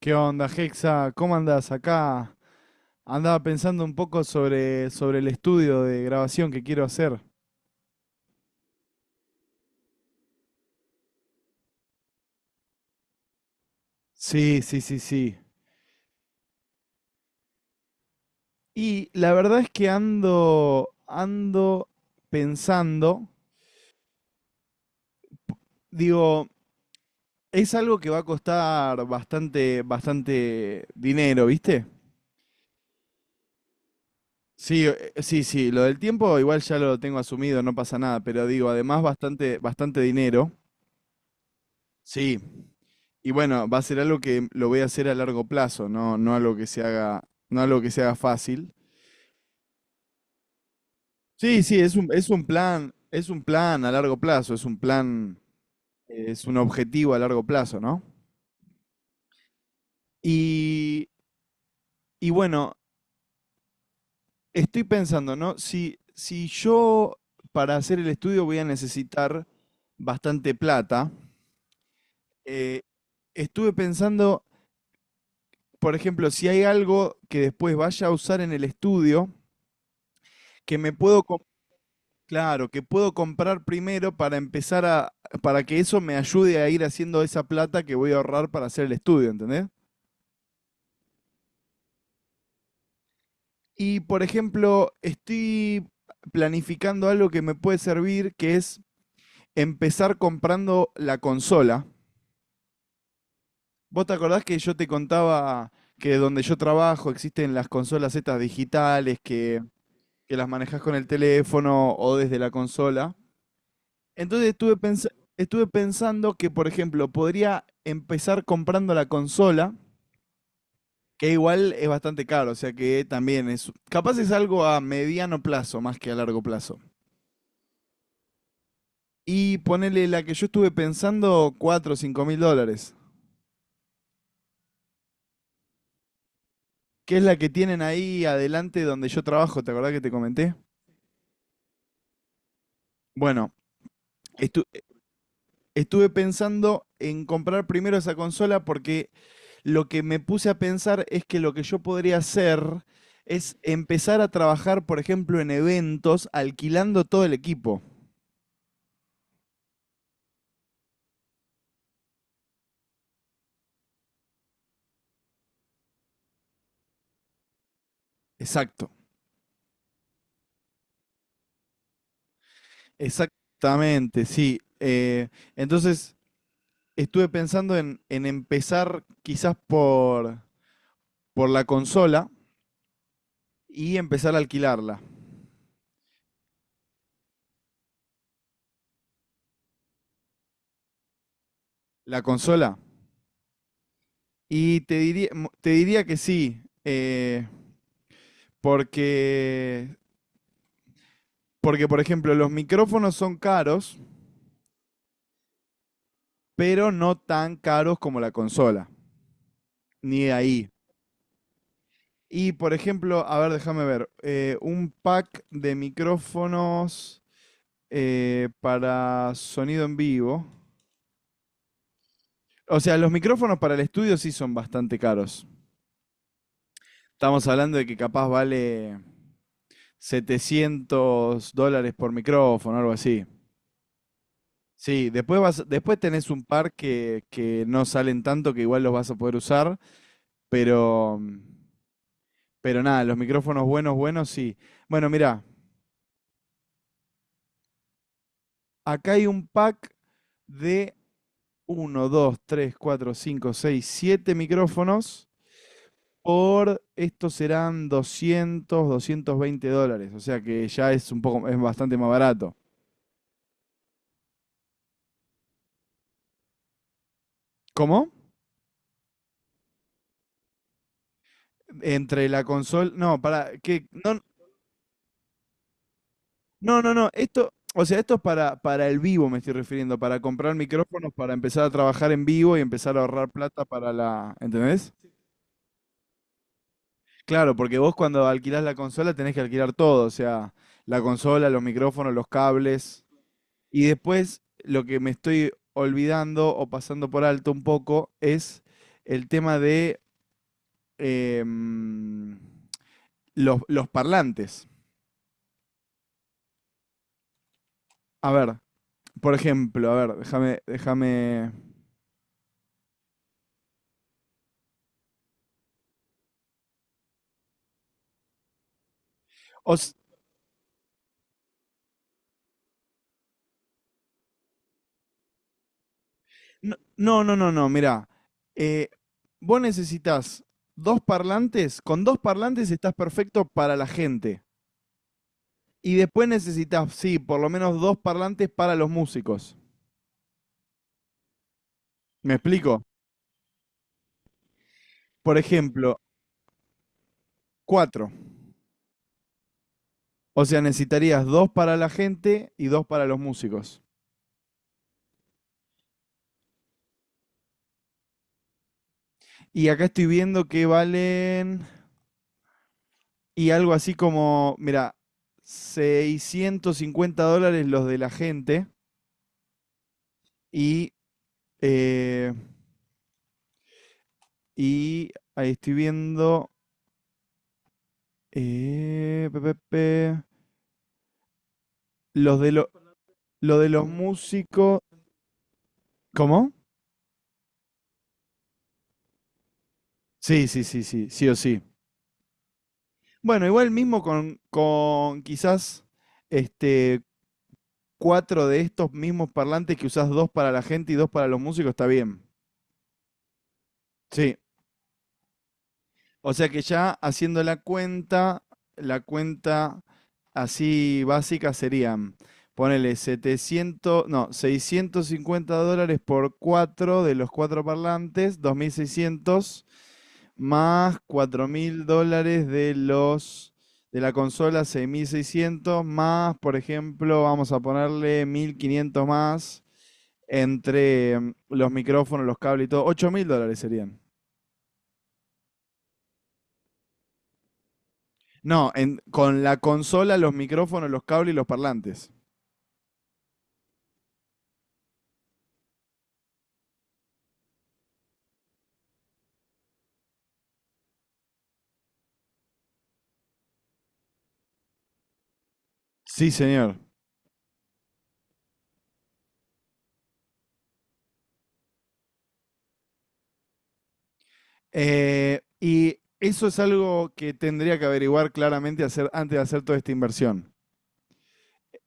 ¿Qué onda, Hexa? ¿Cómo andás acá? Andaba pensando un poco sobre el estudio de grabación que quiero hacer. Sí, sí, sí, sí. Y la verdad es que ando pensando, digo, es algo que va a costar bastante, bastante dinero, ¿viste? Sí, sí, sí, lo del tiempo igual ya lo tengo asumido, no pasa nada, pero digo, además bastante, bastante dinero. Sí. Y bueno, va a ser algo que lo voy a hacer a largo plazo, no, no algo que se haga, no algo que se haga fácil. Sí, sí, es un plan a largo plazo, es un plan, es un objetivo a largo plazo, ¿no? Y, y bueno, estoy pensando, ¿no? Si yo para hacer el estudio voy a necesitar bastante plata, eh, estuve pensando, por ejemplo, si hay algo que después vaya a usar en el estudio, que me puedo, claro, que puedo comprar primero para empezar a, para que eso me ayude a ir haciendo esa plata que voy a ahorrar para hacer el estudio, ¿entendés? Y por ejemplo, estoy planificando algo que me puede servir, que es empezar comprando la consola. ¿Vos te acordás que yo te contaba que donde yo trabajo existen las consolas estas digitales que las manejás con el teléfono o desde la consola? Entonces estuve pensando que, por ejemplo, podría empezar comprando la consola, que igual es bastante caro, o sea que también es, capaz es algo a mediano plazo más que a largo plazo. Y ponerle la que yo estuve pensando, $4.000 o $5.000, que es la que tienen ahí adelante donde yo trabajo, ¿te acordás que te comenté? Bueno, estu- estuve pensando en comprar primero esa consola porque lo que me puse a pensar es que lo que yo podría hacer es empezar a trabajar, por ejemplo, en eventos alquilando todo el equipo. Exacto. Exactamente, sí. Entonces, estuve pensando en empezar quizás por, la consola y empezar a alquilarla. La consola. Y te diría, te diría que sí. Porque Porque, por ejemplo, los micrófonos son caros, pero no tan caros como la consola, ni de ahí. Y, por ejemplo, a ver, déjame ver, un pack de micrófonos para sonido en vivo. O sea, los micrófonos para el estudio sí son bastante caros. Estamos hablando de que capaz vale $700 por micrófono, algo así. Sí, después vas, después tenés un par que no salen tanto, que igual los vas a poder usar, pero pero nada, los micrófonos buenos, buenos, sí. Bueno, mirá, acá hay un pack de uno 2 3 4 5 6 7 micrófonos por, estos serán doscientos doscientos veinte dólares. O sea que ya es un poco, es bastante más barato. ¿Cómo? Entre la consola, no, para, que, no, no, no, no, esto, o sea, esto es para el vivo me estoy refiriendo, para comprar micrófonos, para empezar a trabajar en vivo y empezar a ahorrar plata para la, ¿entendés? Claro, porque vos cuando alquilás la consola tenés que alquilar todo, o sea, la consola, los micrófonos, los cables. Y después lo que me estoy olvidando o pasando por alto un poco es el tema de em, los parlantes. A ver, por ejemplo, a ver, déjame. os, no, no, no, no, no, mirá. eh, vos necesitas dos parlantes, con dos parlantes estás perfecto para la gente. Y después necesitas, sí, por lo menos dos parlantes para los músicos. ¿Me explico? Por ejemplo, cuatro. O sea, necesitarías dos para la gente y dos para los músicos. Y acá estoy viendo que valen. Y algo así como, mira, $650 los de la gente. Y. eh, y ahí estoy viendo. eh, pe, pe, pe, los de, lo- lo de los músicos. ¿Cómo? Sí, sí, sí, sí, sí o sí. Bueno, igual mismo con quizás este, cuatro de estos mismos parlantes que usás dos para la gente y dos para los músicos, está bien. Sí. O sea que ya haciendo la cuenta así básica serían, ponele 700, no, $650 por 4 de los cuatro parlantes, 2600 más $4.000 de los de la consola 6600 más, por ejemplo, vamos a ponerle 1500 más entre los micrófonos, los cables y todo, $8.000 serían. No, con la consola, los micrófonos, los cables y los parlantes. Sí, señor. Y eso es algo que tendría que averiguar claramente hacer, antes de hacer toda esta inversión.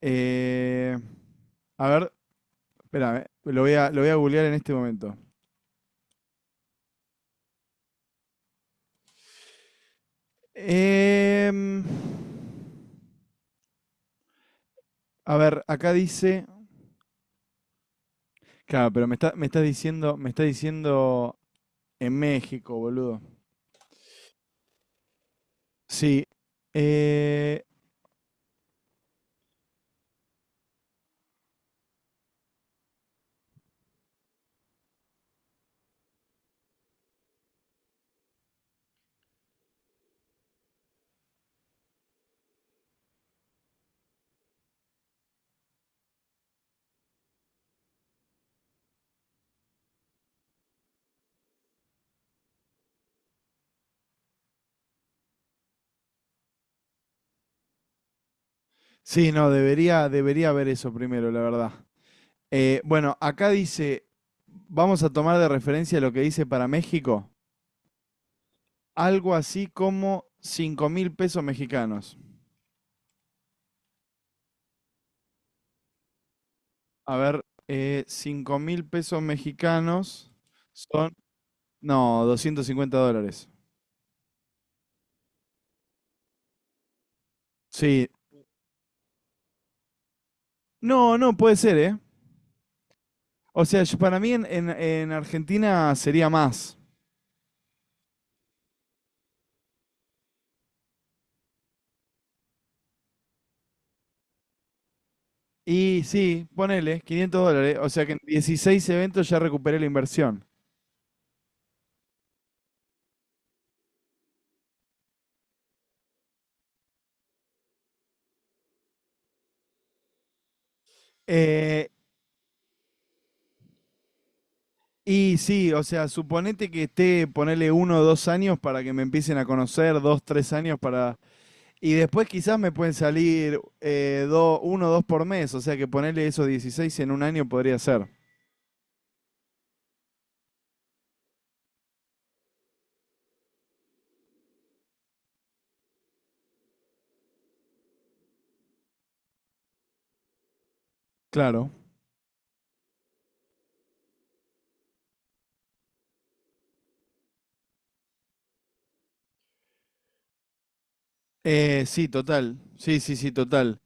Eh, a ver, espérame, lo voy a googlear en este momento. Em, a ver, acá dice. Claro, pero me está diciendo en México, boludo. Sí. eh, sí, no, debería, debería haber eso primero, la verdad. Bueno, acá dice, vamos a tomar de referencia lo que dice para México, algo así como 5.000 pesos mexicanos. A ver, 5 mil pesos mexicanos son, no, $250. Sí, no, no, puede ser, ¿eh? O sea, yo- para mí en, en Argentina sería más. Y sí, ponele, $500, o sea que en 16 eventos ya recuperé la inversión. Eh, Y sí, o sea, suponete que esté, ponerle 1 o 2 años para que me empiecen a conocer, 2, 3 años para... Y después quizás me pueden salir 1 o 2 por mes, o sea que ponerle esos 16 en un año podría ser. Claro. Sí, total. Sí, sí, sí, total.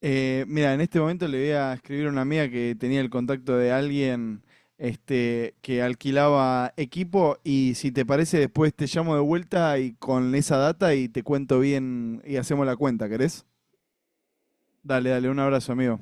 Mira, en este momento le voy a escribir a una amiga que tenía el contacto de alguien este, que alquilaba equipo y si te parece después te llamo de vuelta y con esa data y te cuento bien y hacemos la cuenta, ¿querés? Dale, dale, un abrazo, amigo.